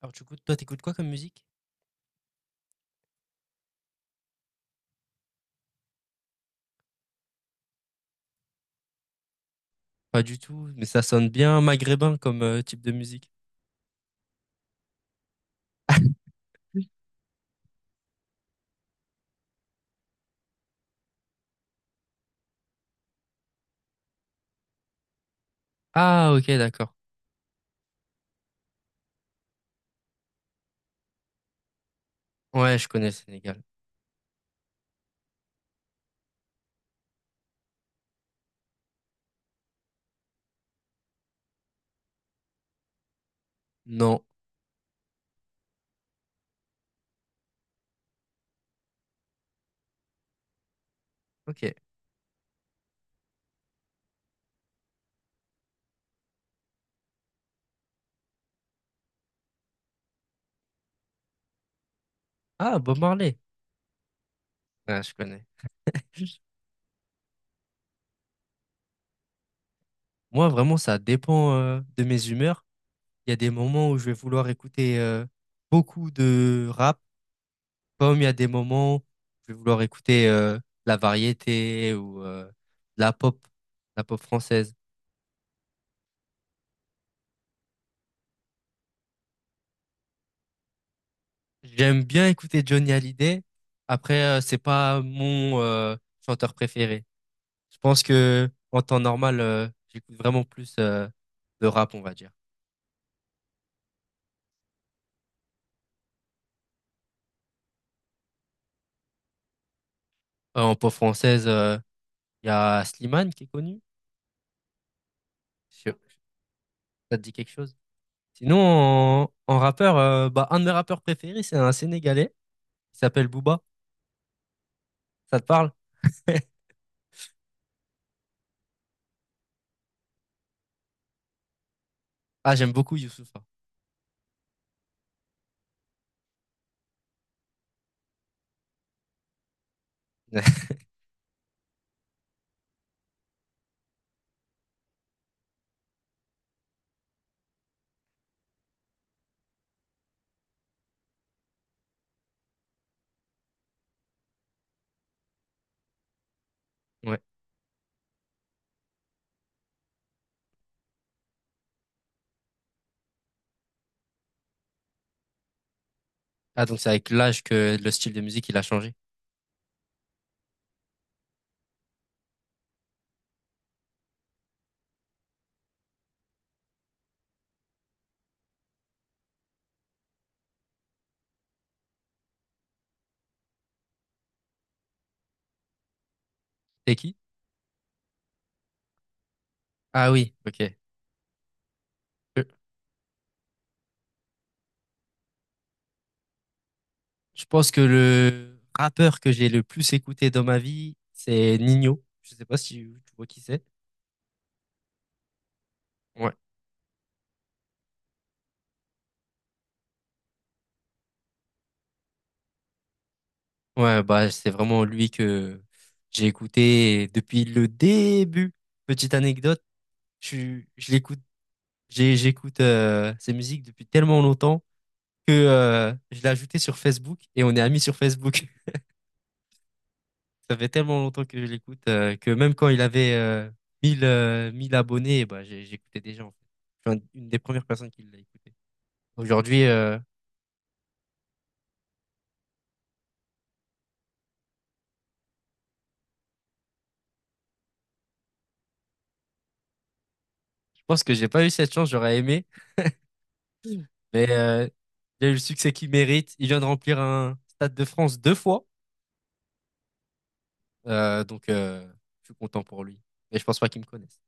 Alors du coup, toi, t'écoutes quoi comme musique? Pas du tout, mais ça sonne bien maghrébin comme type de musique. Ah, ok, d'accord. Ouais, je connais le Sénégal. Non. Ok. Ah, Bob Marley. Ouais, je connais. Moi, vraiment, ça dépend de mes humeurs. Il y a des moments où je vais vouloir écouter beaucoup de rap, comme il y a des moments où je vais vouloir écouter la variété ou la pop, la pop française. J'aime bien écouter Johnny Hallyday. Après, c'est pas mon chanteur préféré. Je pense que en temps normal, j'écoute vraiment plus de rap, on va dire. En pop française, il y a Slimane qui est connu. Sais pas si ça te dit quelque chose? Sinon, en rappeur, bah, un de mes rappeurs préférés, c'est un Sénégalais. Il s'appelle Booba. Ça te parle? Ah, j'aime beaucoup Youssoupha. Ouais. Ah, donc c'est avec l'âge que le style de musique, il a changé. C'est qui? Ah oui, ok. Je pense que le rappeur que j'ai le plus écouté dans ma vie, c'est Nino. Je sais pas si tu vois qui c'est. Ouais. Ouais, bah c'est vraiment lui que j'ai écouté depuis le début. Petite anecdote, je, je l'écoute, j'écoute ses musiques depuis tellement longtemps que je l'ai ajouté sur Facebook et on est amis sur Facebook. Ça fait tellement longtemps que je l'écoute que même quand il avait 1000 1000 abonnés, bah j'écoutais déjà en fait. Je suis une des premières personnes qui l'a écouté. Aujourd'hui, je pense que j'ai pas eu cette chance, j'aurais aimé, mais il a eu le succès qu'il mérite. Il vient de remplir un Stade de France deux fois, donc je suis content pour lui. Mais je pense pas qu'il me connaisse.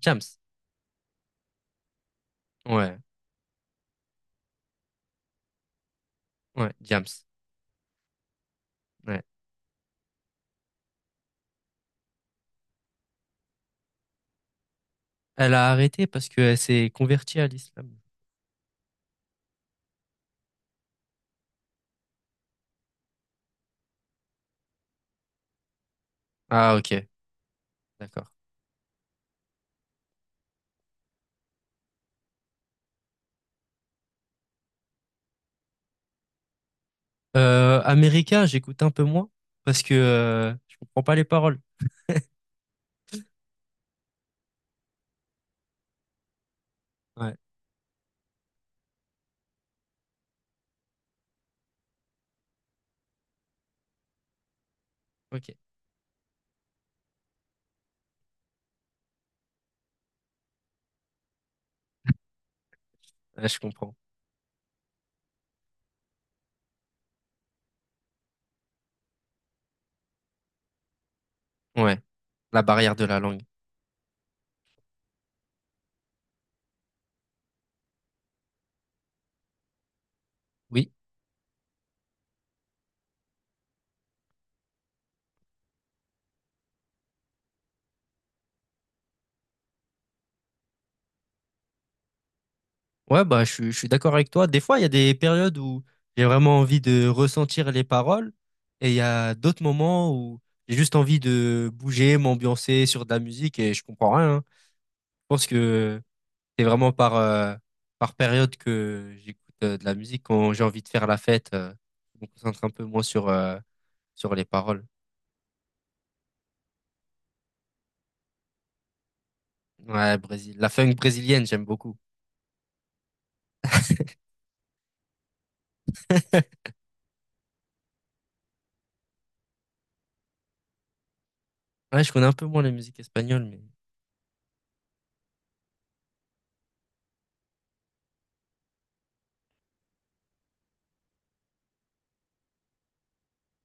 James, ouais, ouais, James, ouais. Elle a arrêté parce qu'elle s'est convertie à l'islam. Ah ok, d'accord. America, j'écoute un peu moins parce que je comprends pas les paroles. Ouais, ok, ouais, je comprends. Ouais, la barrière de la langue. Oui. Ouais, bah, je suis d'accord avec toi. Des fois, il y a des périodes où j'ai vraiment envie de ressentir les paroles et il y a d'autres moments où j'ai juste envie de bouger, m'ambiancer sur de la musique et je comprends rien, hein. Je pense que c'est vraiment par période que j'écoute de la musique quand j'ai envie de faire la fête. Je me concentre un peu moins sur les paroles. Ouais, Brésil. La funk brésilienne, j'aime beaucoup. Ouais, je connais un peu moins la musique espagnole, mais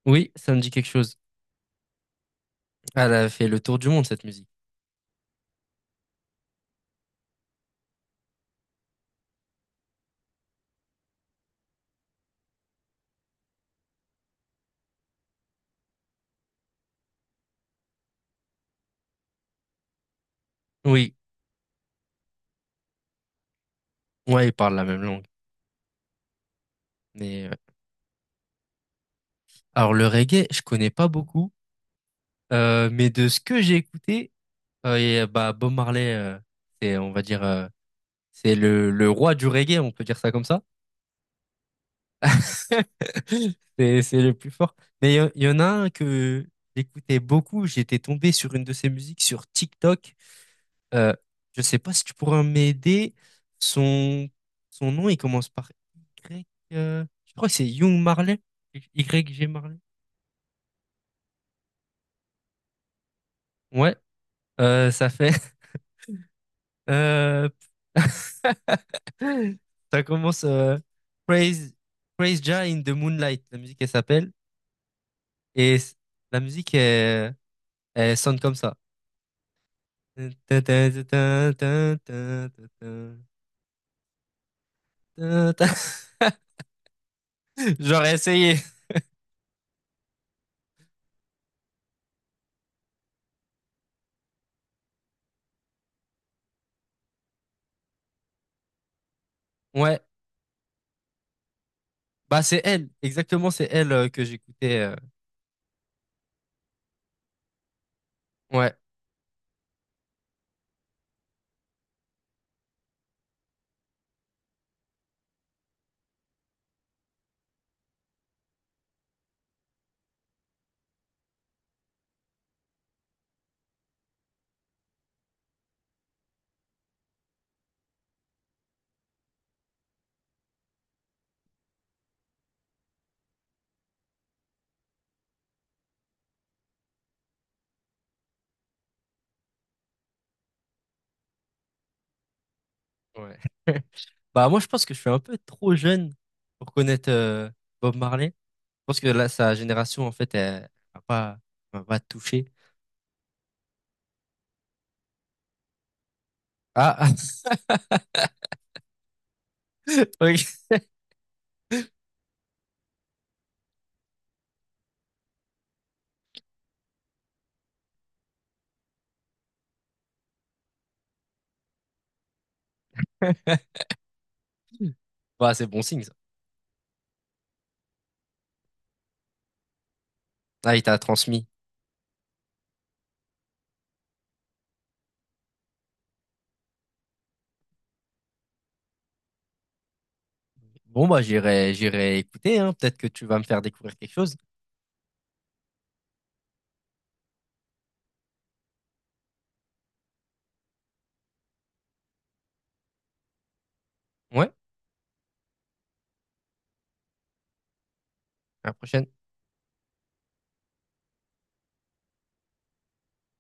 oui, ça me dit quelque chose. Elle a fait le tour du monde, cette musique. Oui. Ouais, ils parlent la même langue. Mais alors le reggae, je connais pas beaucoup, mais de ce que j'ai écouté, bah Bob Marley, c'est on va dire c'est le roi du reggae, on peut dire ça comme ça. C'est le plus fort. Mais il y en a un que j'écoutais beaucoup. J'étais tombé sur une de ses musiques sur TikTok. Euh, je sais pas si tu pourras m'aider. Son Son nom, il commence par Y. Je crois que c'est Young Marley. Y G Marley. Ouais. Ça fait Euh, Ça commence Praise, Praise Jah in the Moonlight, la musique, elle s'appelle. Et c- la musique, elle, elle sonne comme ça. J'aurais essayé. Ouais. Bah, c'est elle. Exactement, c'est elle que j'écoutais. Ouais. Ouais. Bah, moi, je pense que je suis un peu trop jeune pour connaître Bob Marley. Je pense que là, sa génération, en fait, elle va pas, elle m'a pas touché. Ah! Ok. Bah, c'est bon signe, ça. Ah, il t'a transmis. Bon, bah, j'irai, j'irai écouter, hein. Peut-être que tu vas me faire découvrir quelque chose. Ouais, à la prochaine.